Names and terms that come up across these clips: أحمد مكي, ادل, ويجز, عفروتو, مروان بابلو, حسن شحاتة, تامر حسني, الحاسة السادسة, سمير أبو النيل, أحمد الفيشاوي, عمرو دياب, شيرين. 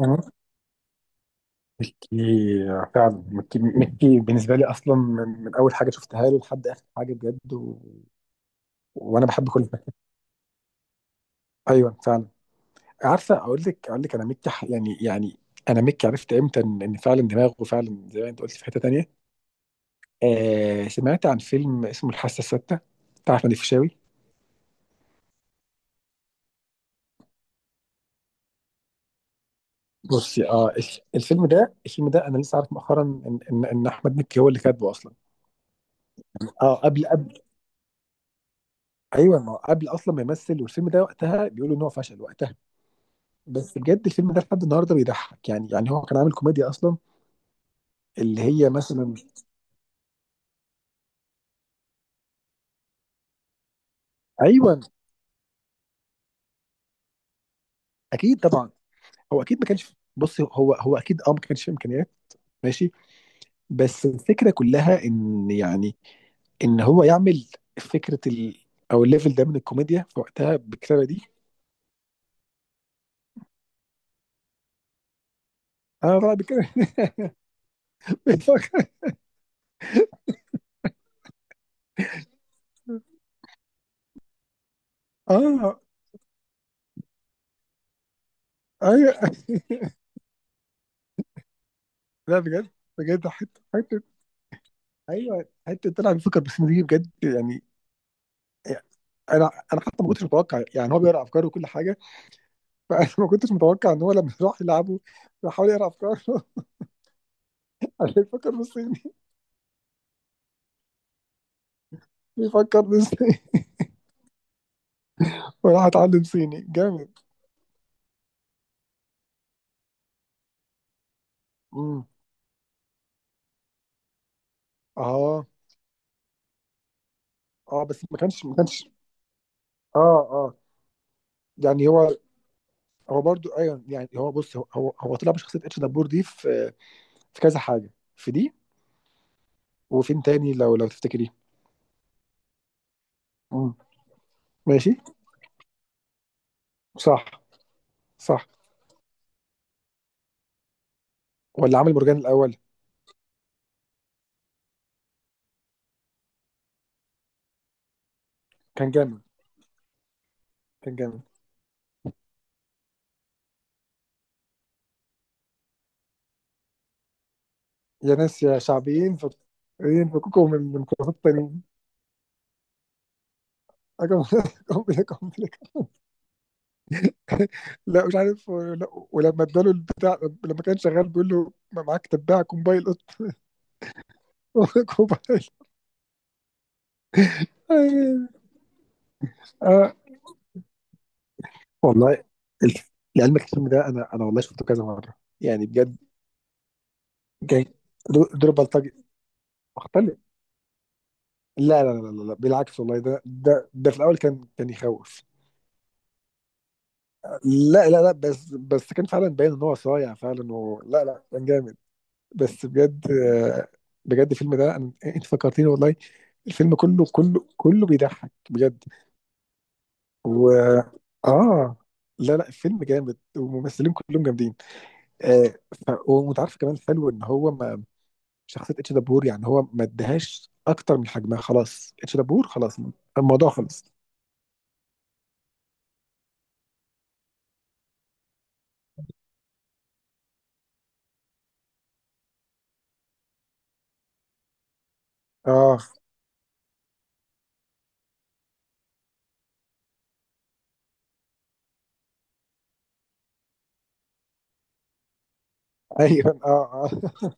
يعني مكي فعلا، مكي بالنسبه لي اصلا، من اول حاجه شفتها له لحد اخر حاجه بجد وانا بحب كل حاجه. ايوه فعلا. عارفه، اقول لك انا مكي ح- يعني يعني انا مكي عرفت امتى إن فعلا دماغه فعلا زي ما انت قلت في حته تانيه. آه، سمعت عن فيلم اسمه الحاسه السادسه، بتاع احمد الفيشاوي. بصي، الفيلم ده، انا لسه عارف مؤخرا إن احمد مكي هو اللي كاتبه اصلا. اه، قبل. ايوه، ما هو قبل اصلا ما يمثل، والفيلم ده وقتها بيقولوا ان هو فشل وقتها. بس بجد الفيلم ده لحد النهارده بيضحك. يعني هو كان عامل كوميديا اصلا، اللي هي مثلا. ايوه، اكيد طبعا. هو اكيد ما كانش، بص، هو اكيد، ما كانش فيه امكانيات. ماشي. بس الفكره كلها ان، يعني، ان هو يعمل فكره، او الليفل ده من الكوميديا في وقتها، بالكتابه دي. انا طبعا بتكلم بتفكر. اه ايوه لا بجد. بجد حته حته. ايوه، حته طلع بيفكر، بس دي بجد يعني. انا انا حتى ما كنتش متوقع، يعني هو بيقرا افكاره وكل حاجه. فانا ما كنتش متوقع ان هو لما راح يلعبه بيحاول يقرا افكاره. انا بيفكر بالصيني. بيفكر بالصيني. وراح اتعلم صيني جامد. امم. اه اه، بس ما كانش. اه اه، يعني هو برضو. ايوه يعني هو، بص، هو طلع بشخصيه اتش دبور دي في، كذا حاجه، في دي. وفين تاني، لو تفتكريه. امم. ماشي. صح. صح. ولا عامل مرجان الاول؟ كان جامد، كان جامد. يا ناس يا شعبيين، ينفكوكوا من كرافات تانيين. أجمل لكم لكم. لا مش عارف، لا. ولما اداله البتاع، لما كان شغال بيقول له: ما معاك تباع كومبايل قط؟ كومبايل. آه. والله لعلمك الفيلم ده، انا والله شفته كذا مره، يعني بجد. جاي دور بلطجي مختلف. لا لا لا لا لا، بالعكس والله، ده في الاول كان يخوف. لا لا لا، بس كان فعلا باين ان هو صايع فعلا لا لا، كان جامد. بس بجد. بجد الفيلم ده، انت فكرتيني والله. الفيلم كله كله كله بيضحك بجد. و اه لا لا، الفيلم جامد، والممثلين كلهم جامدين. آه. وانت عارف كمان حلو ان هو ما شخصيه اتش دبور، يعني هو ما ادهاش اكتر من حجمها. خلاص اتش دبور خلاص، الموضوع خلص. اه. ايوه. اه اه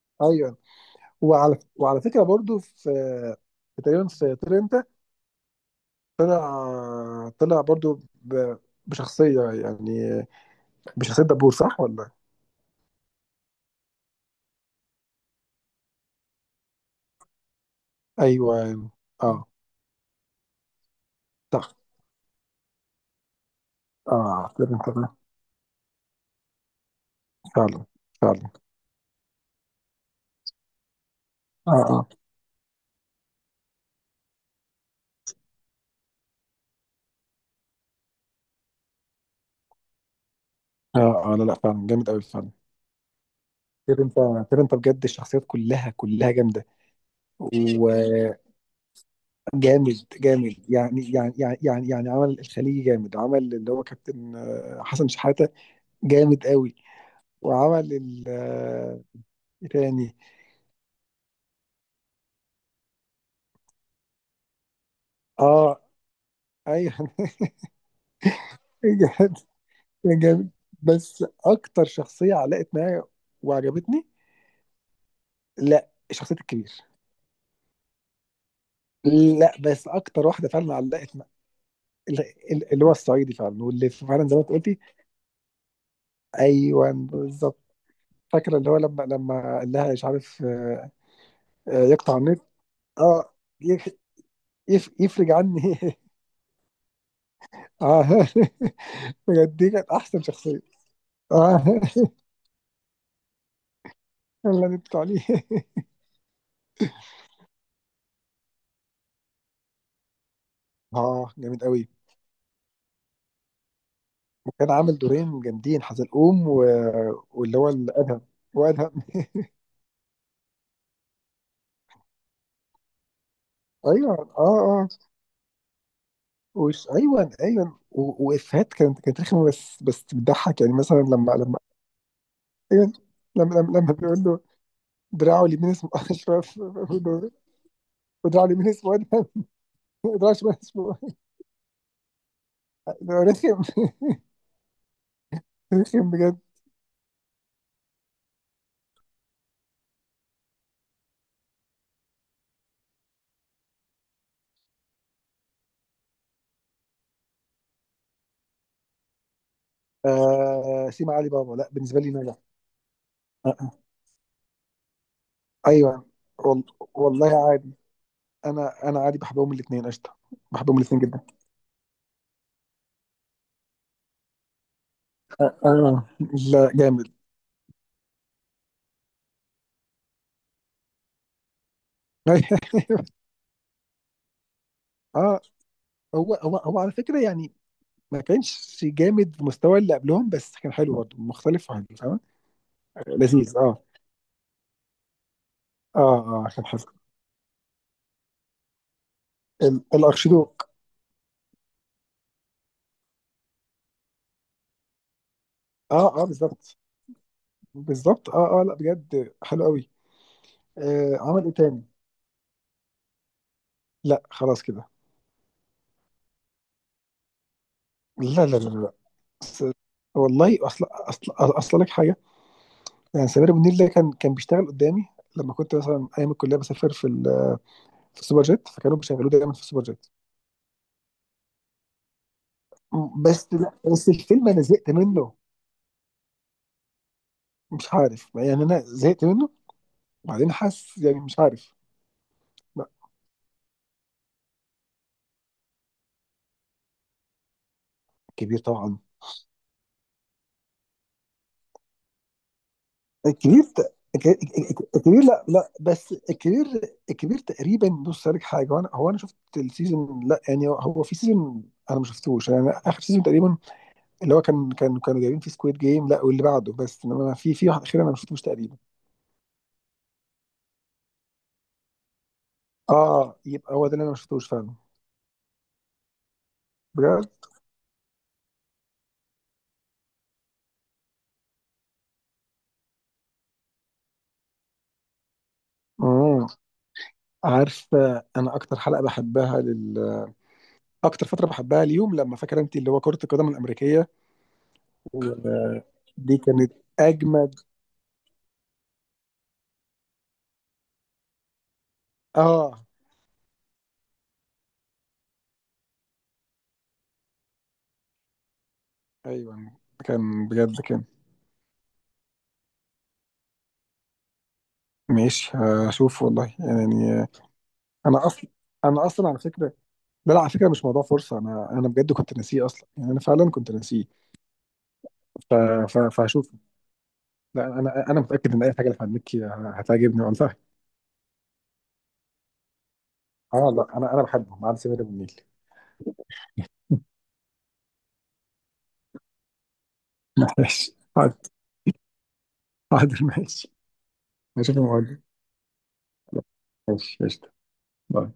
ايوه. وعلى فكره، برضو في، تقريبا، في طير انت، طلع برضو بشخصية، دبور، صح ولا؟ أيوه أيوه، أه صح، أه. كده أنت فعلا، فعلا. أه أه أه أه. لا لا، فعلا جامد أوي، فعلا. كده أنت، كده أنت بجد الشخصيات كلها كلها جامدة. وجامد، جامد. يعني عمل الخليجي جامد، عمل اللي هو كابتن، آه، حسن شحاتة. جامد أوي. وعمل ال آه، إيه تاني. أه. أيوه كان جامد. بس اكتر شخصيه علقت معايا وعجبتني. لا، شخصيه الكبير. لا، بس اكتر واحده فعلا علقت معايا، اللي هو الصعيدي فعلا، واللي فعلا زي ما انت قلتي. ايوه بالظبط. فاكره اللي هو، لما قال لها: مش عارف، آه، يقطع النت. اه. يف يف يفرج عني اه بجد، دي كانت احسن شخصيه. اه اللي نتكلم عليه اه جامد قوي. كان عامل دورين جامدين: حزلقوم، واللي هو الادهم، وادهم. ايوه، اه اه. ايوه ايوه، وافيهات، كانت رخمه، بس بتضحك، يعني مثلا، لما. ايوه. لما بيقول له: دراعه اليمين اسمه اشرف. بيقول له: ودراعه اليمين اسمه ادهم. ودراعه الشمال اسمه رخم. رخم بجد. آه، سيما علي بابا، لا بالنسبه لي نجح. آه. آه. ايوه. وال... والله عادي، انا عادي بحبهم الاثنين، قشطه. بحبهم الاثنين جدا. اه لا، جامد. أيوه. اه. هو على فكره يعني ما كانش جامد في مستوى اللي قبلهم، بس كان حلو برضه، مختلف وحلو فاهم. لذيذ. اه. اه اه كان حلو. الاخشدوك. اه اه بالظبط. بالظبط، اه اه. لا بجد، حلو قوي. آه. عمل ايه تاني؟ لا خلاص كده. لا لا لا لا. بس والله اصلا اصلا اصلا لك حاجه. يعني سمير ابو النيل ده كان بيشتغل قدامي لما كنت مثلا ايام الكليه بسافر في في السوبر جيت، فكانوا بيشغلوه دايما في السوبر جيت. م- بس لا، بس الفيلم انا زهقت منه. مش عارف، يعني انا زهقت منه. وبعدين حاسس، يعني مش عارف. لا. الكبير طبعا. الكبير، الكبير. لا لا، بس الكبير. الكبير تقريبا، بص لك حاجه، هو انا شفت السيزون، لا يعني هو في سيزون انا ما شفتوش، يعني اخر سيزون تقريبا، اللي هو كانوا جايبين فيه سكويد جيم. لا، واللي بعده، بس انما في، واحد اخير انا ما شفتوش تقريبا. اه، يبقى هو ده اللي انا ما شفتوش فعلا. بجد. امم. عارف، انا اكتر حلقه بحبها لل اكتر فتره بحبها اليوم، لما، فاكر انت، اللي هو كره القدم الامريكيه. دي كانت اجمد. اه. ايوه كان بجد، كان. ماشي، هشوف والله يعني. انا اصلا انا اصلا على فكره، لا لا، على فكره مش موضوع فرصه. انا بجد كنت ناسيه اصلا، يعني انا فعلا كنت ناسيه. ف... فهشوف. لا، انا متاكد ان اي حاجه اللي هنمكي هتعجبني والله. اه لا، انا بحبه ما عدا سمير ابو النيل. ماشي حاضر. حاضر ماشي. هشوف الموضوع. ماشي قشطه. باي.